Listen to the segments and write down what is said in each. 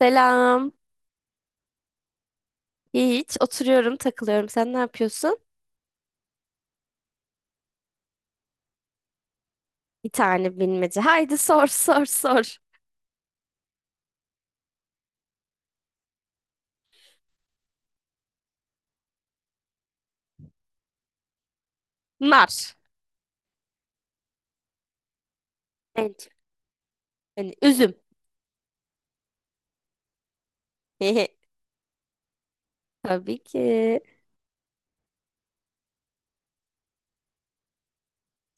Selam. Hiç oturuyorum, takılıyorum. Sen ne yapıyorsun? Bir tane bilmece. Haydi sor sor. Nar. Evet. Yani üzüm. Tabii ki.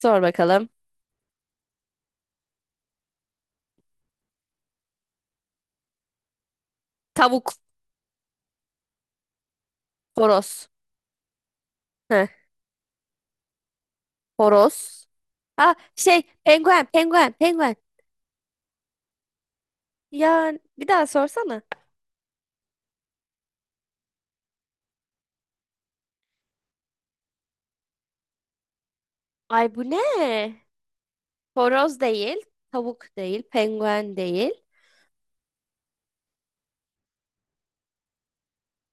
Sor bakalım. Tavuk. Horoz. Heh, horoz. Ha şey penguen penguen. Ya bir daha sorsana. Ay bu ne? Horoz değil. Tavuk değil. Penguen değil.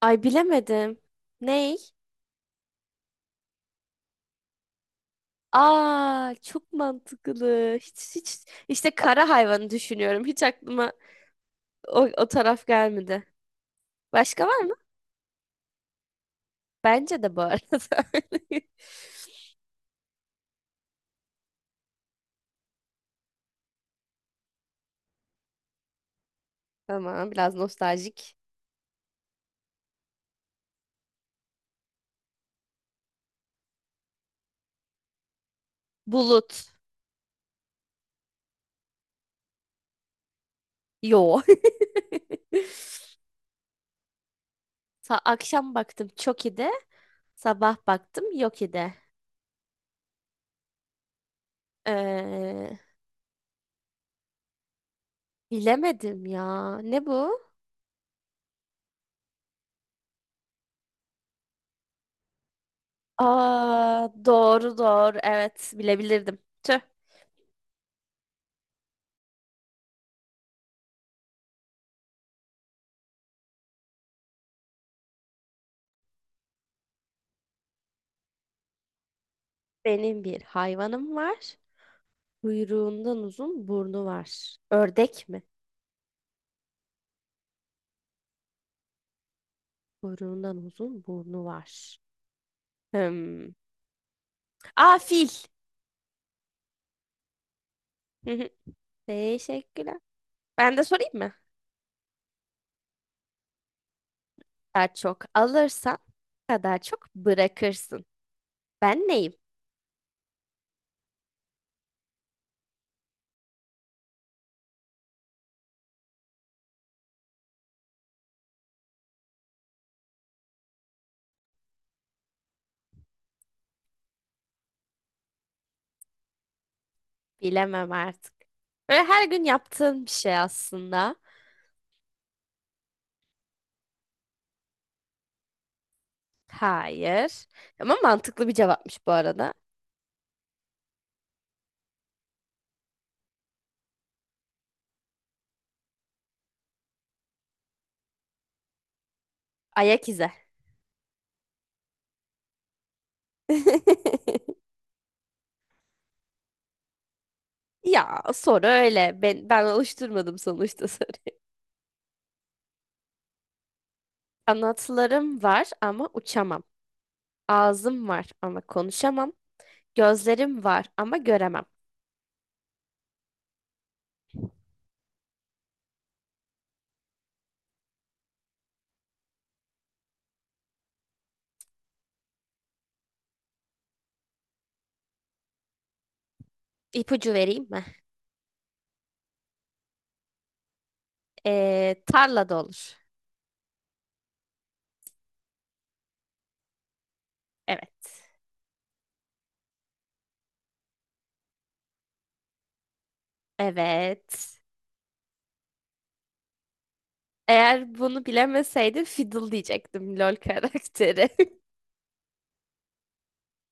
Ay bilemedim. Ne? Aa çok mantıklı. Hiç işte kara hayvanı düşünüyorum. Hiç aklıma o taraf gelmedi. Başka var mı? Bence de bu arada. Tamam, biraz nostaljik. Bulut. Yo. Akşam baktım çok iyi de sabah baktım yok idi. Ee, bilemedim ya. Ne bu? Aa doğru doğru, evet bilebilirdim. Tüh. Benim bir hayvanım var. Kuyruğundan uzun burnu var. Ördek mi? Kuyruğundan uzun burnu var. Hmm. Aa, fil. Teşekkürler. Ben de sorayım mı? Daha çok alırsan kadar çok bırakırsın. Ben neyim? Bilemem artık. Böyle her gün yaptığın bir şey aslında. Hayır. Ama mantıklı bir cevapmış bu arada. Ayak izi. Ya soru öyle. Ben oluşturmadım sonuçta soruyu. Kanatlarım var ama uçamam. Ağzım var ama konuşamam. Gözlerim var ama göremem. İpucu vereyim mi? Tarlada olur. Evet. Evet. Eğer bunu bilemeseydim fiddle diyecektim, LOL karakteri.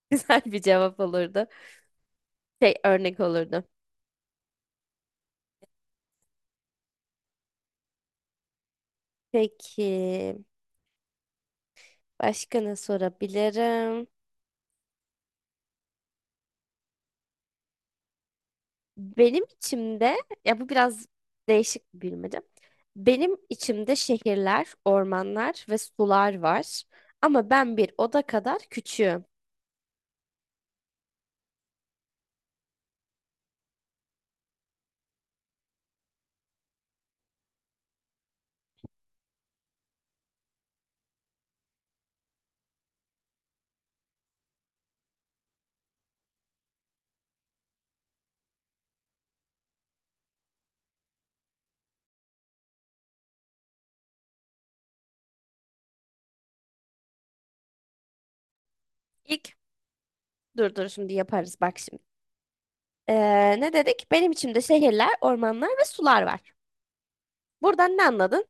Güzel bir cevap olurdu. Şey örnek olurdu. Peki başka ne sorabilirim? Benim içimde, ya bu biraz değişik bir bilmece. Benim içimde şehirler, ormanlar ve sular var. Ama ben bir oda kadar küçüğüm. İlk dur şimdi yaparız bak şimdi. Ne dedik? Benim içimde şehirler, ormanlar ve sular var. Buradan ne anladın?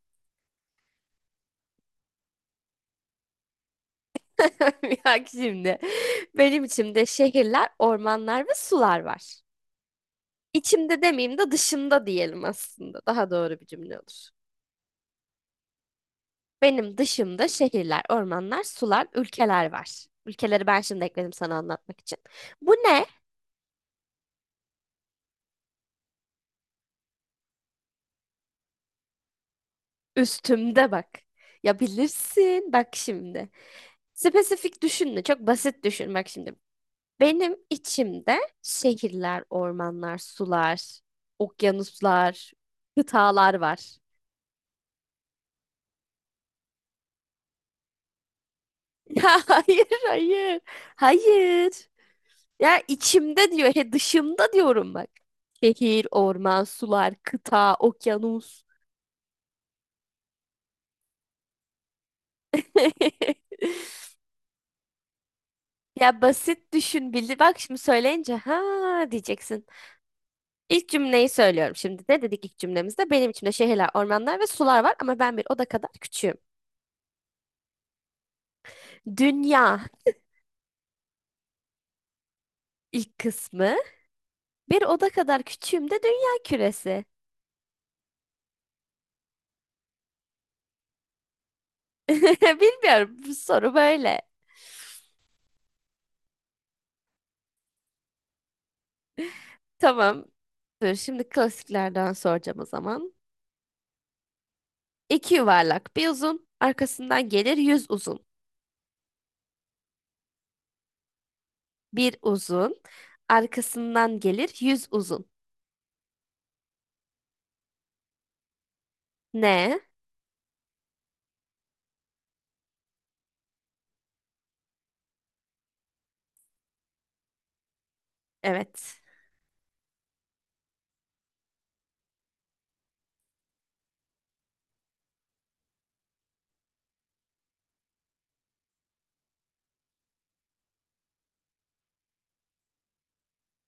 Bak şimdi. Benim içimde şehirler, ormanlar ve sular var. İçimde demeyeyim de dışımda diyelim aslında. Daha doğru bir cümle olur. Benim dışımda şehirler, ormanlar, sular, ülkeler var. Ülkeleri ben şimdi ekledim sana anlatmak için. Bu ne? Üstümde bak. Ya bilirsin bak şimdi. Spesifik düşünme, çok basit düşün bak şimdi. Benim içimde şehirler, ormanlar, sular, okyanuslar, kıtalar var. Ya hayır, hayır. Hayır. Ya içimde diyor, he dışımda diyorum bak. Şehir, orman, sular, kıta, okyanus. Ya basit düşün bildi. Bak şimdi söyleyince ha diyeceksin. İlk cümleyi söylüyorum şimdi. Ne dedik ilk cümlemizde? Benim içimde şehirler, ormanlar ve sular var ama ben bir oda kadar küçüğüm. Dünya, ilk kısmı. Bir oda kadar küçüğüm de dünya küresi. Bilmiyorum, bu soru böyle. Tamam. Dur şimdi klasiklerden soracağım o zaman. İki yuvarlak bir uzun, arkasından gelir yüz uzun. Bir uzun, arkasından gelir yüz uzun. Ne? Evet.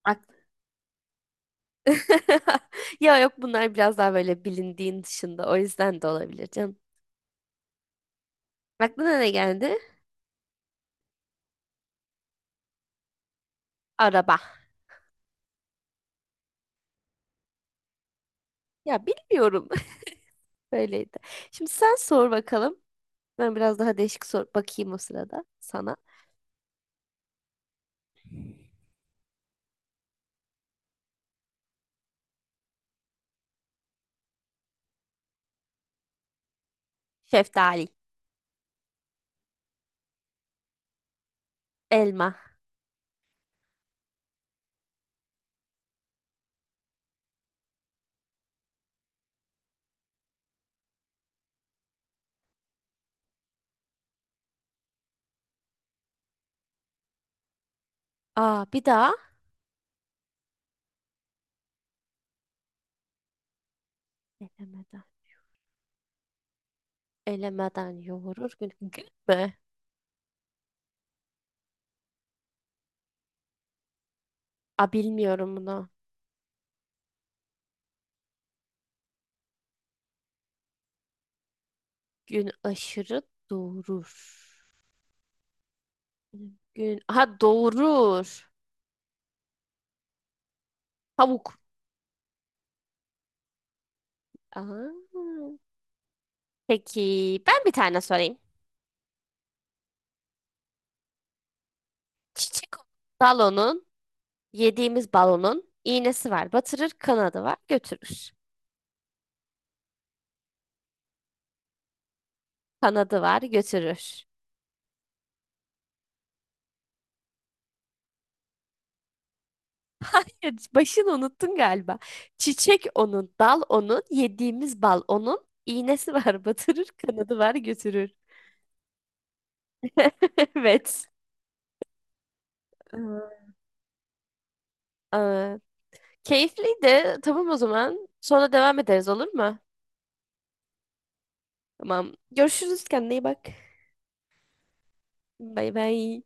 Ak- Ya yok, bunlar biraz daha böyle bilindiğin dışında. O yüzden de olabilir canım. Aklına ne geldi? Araba. Ya bilmiyorum. Böyleydi. Şimdi sen sor bakalım. Ben biraz daha değişik sor bakayım o sırada sana. Şeftali. Elma. Aa, bir daha. Elemeden. Elemeden yoğurur gün. Gün mü? Aa, bilmiyorum bunu. Gün aşırı doğurur. Gün. Ha, doğurur. Pamuk. Aa. Peki ben bir tane sorayım. Çiçek balonun, yediğimiz balonun iğnesi var. Batırır, kanadı var, götürür. Kanadı var, götürür. Hayır, başını unuttun galiba. Çiçek onun, dal onun, yediğimiz bal onun, iğnesi var, batırır, kanadı var, götürür. Evet. Ee, Aa, keyifliydi. Tamam o zaman. Sonra devam ederiz olur mu? Tamam. Görüşürüz. Kendine iyi bak. Bay bay.